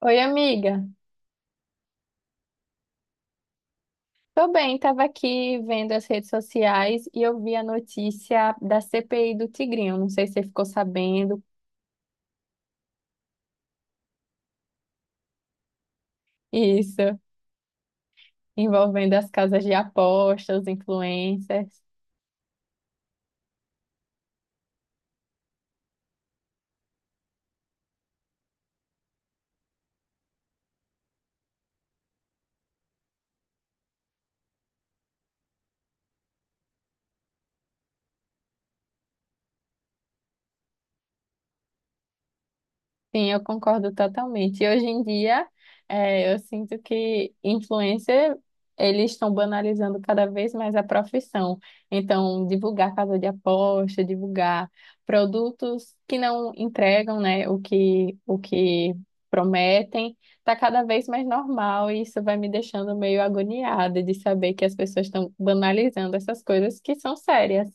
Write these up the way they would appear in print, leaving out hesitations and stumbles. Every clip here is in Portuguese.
Oi, amiga. Tô bem, tava aqui vendo as redes sociais e eu vi a notícia da CPI do Tigrinho. Não sei se você ficou sabendo isso, envolvendo as casas de apostas, os influencers. Sim, eu concordo totalmente. E hoje em dia, eu sinto que influencer, eles estão banalizando cada vez mais a profissão. Então, divulgar casa de aposta, divulgar produtos que não entregam, né, o que prometem, está cada vez mais normal e isso vai me deixando meio agoniada de saber que as pessoas estão banalizando essas coisas que são sérias.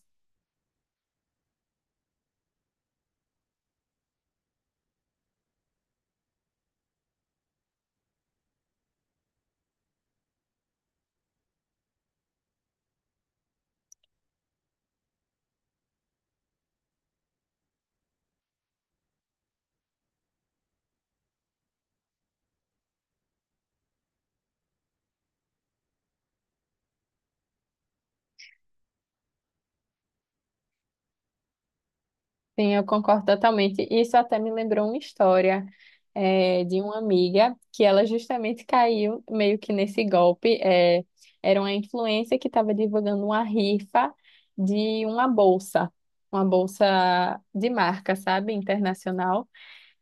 Sim, eu concordo totalmente. Isso até me lembrou uma história de uma amiga que ela justamente caiu meio que nesse golpe. Era uma influencer que estava divulgando uma rifa de uma bolsa de marca, sabe, internacional.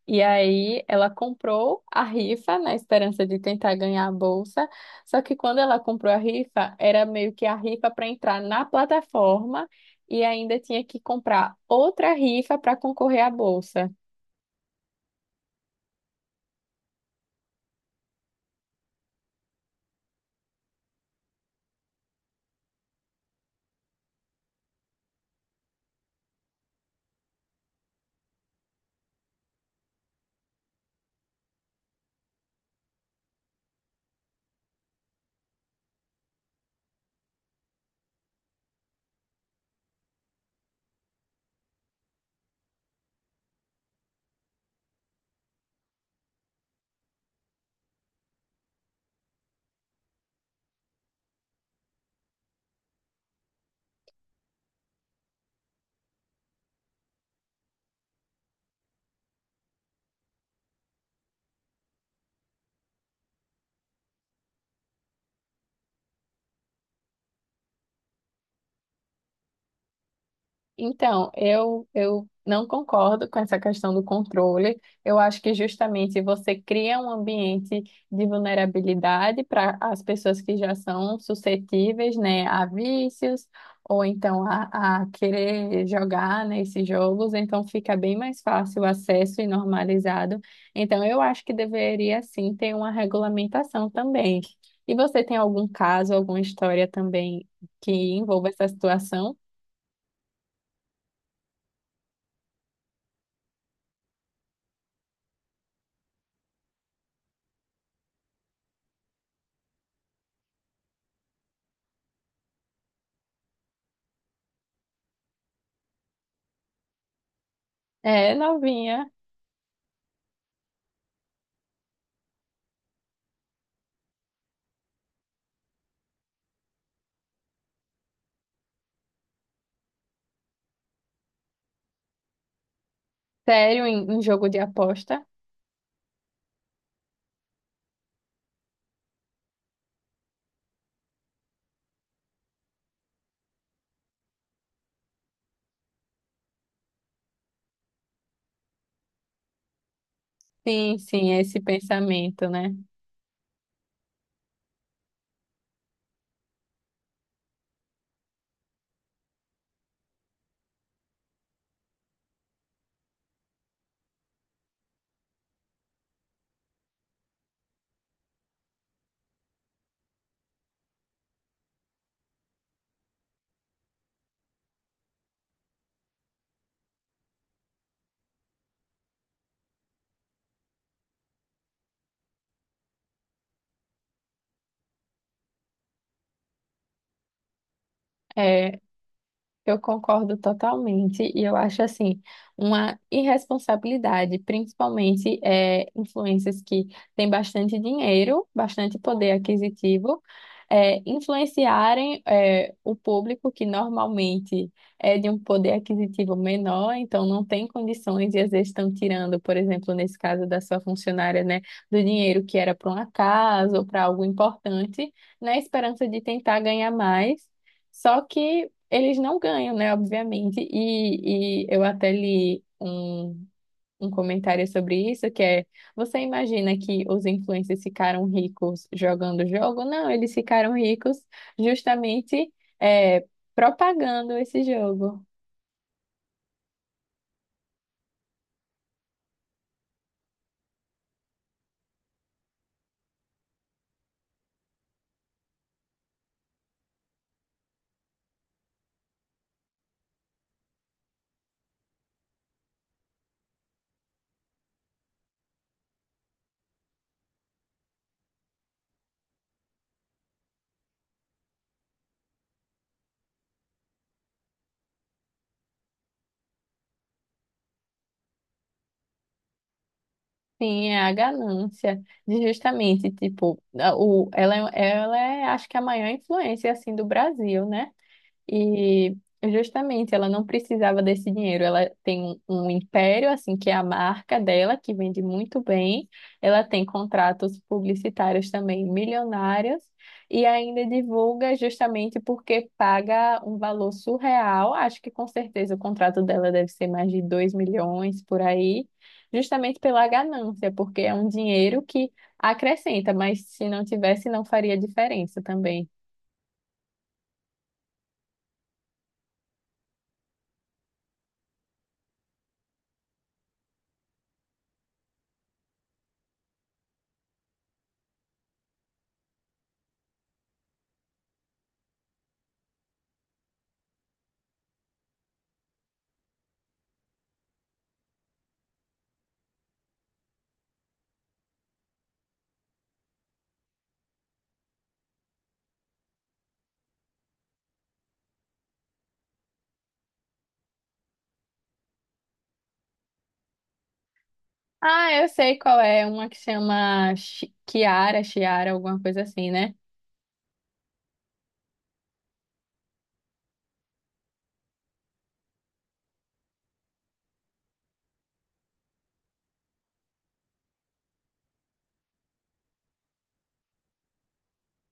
E aí ela comprou a rifa na esperança de tentar ganhar a bolsa. Só que quando ela comprou a rifa, era meio que a rifa para entrar na plataforma e ainda tinha que comprar outra rifa para concorrer à bolsa. Então, eu não concordo com essa questão do controle. Eu acho que justamente você cria um ambiente de vulnerabilidade para as pessoas que já são suscetíveis, né, a vícios ou então a querer jogar nesses jogos. Então, fica bem mais fácil o acesso e normalizado. Então, eu acho que deveria sim ter uma regulamentação também. E você tem algum caso, alguma história também que envolva essa situação? É, novinha. Sério em, em jogo de aposta? Sim, sim, é esse pensamento, né? É, eu concordo totalmente e eu acho assim uma irresponsabilidade, principalmente influências que têm bastante dinheiro, bastante poder aquisitivo, influenciarem o público que normalmente é de um poder aquisitivo menor, então não tem condições e às vezes estão tirando, por exemplo, nesse caso da sua funcionária, né, do dinheiro que era para uma casa ou para algo importante, na esperança de tentar ganhar mais. Só que eles não ganham, né? Obviamente. E eu até li um comentário sobre isso, que é, você imagina que os influencers ficaram ricos jogando o jogo? Não, eles ficaram ricos justamente é, propagando esse jogo. Sim, é a ganância de justamente, tipo, a- o, ela é, acho que a maior influência, assim, do Brasil, né? E justamente ela não precisava desse dinheiro. Ela tem um império, assim, que é a marca dela, que vende muito bem. Ela tem contratos publicitários também milionários. E ainda divulga justamente porque paga um valor surreal. Acho que com certeza o contrato dela deve ser mais de 2 milhões por aí, justamente pela ganância, porque é um dinheiro que acrescenta, mas se não tivesse, não faria diferença também. Ah, eu sei qual é, uma que chama Chi- Chiara, Chiara, alguma coisa assim, né?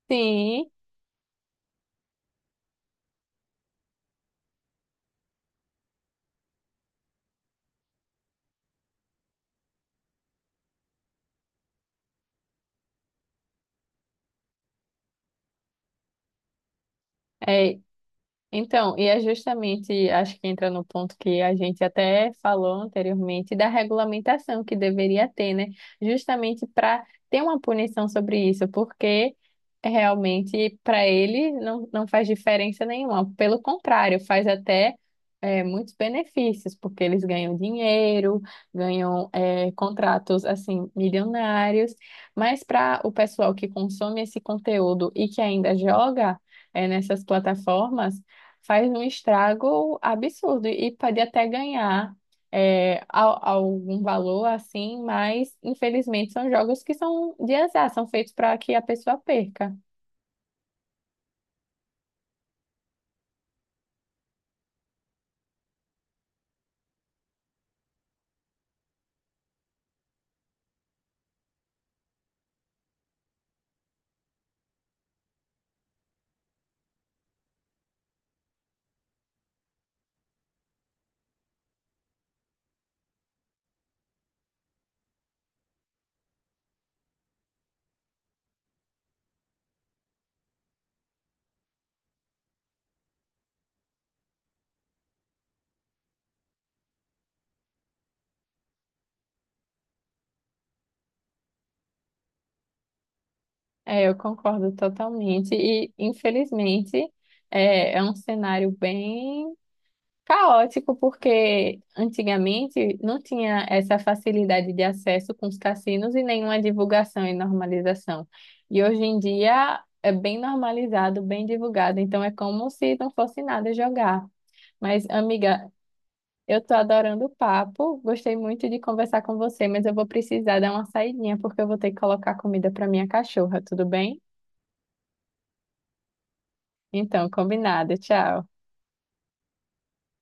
Sim, é, então, e é justamente, acho que entra no ponto que a gente até falou anteriormente, da regulamentação que deveria ter, né? Justamente para ter uma punição sobre isso, porque realmente para ele não, não faz diferença nenhuma. Pelo contrário, faz até muitos benefícios, porque eles ganham dinheiro, ganham contratos assim milionários, mas para o pessoal que consome esse conteúdo e que ainda joga nessas plataformas faz um estrago absurdo e pode até ganhar é, al- algum valor assim, mas infelizmente são jogos que são de azar, são feitos para que a pessoa perca. É, eu concordo totalmente e infelizmente é, é um cenário bem caótico, porque antigamente não tinha essa facilidade de acesso com os cassinos e nenhuma divulgação e normalização. E hoje em dia é bem normalizado, bem divulgado, então é como se não fosse nada jogar. Mas, amiga, eu tô adorando o papo, gostei muito de conversar com você, mas eu vou precisar dar uma saidinha porque eu vou ter que colocar comida para minha cachorra, tudo bem? Então, combinado, tchau.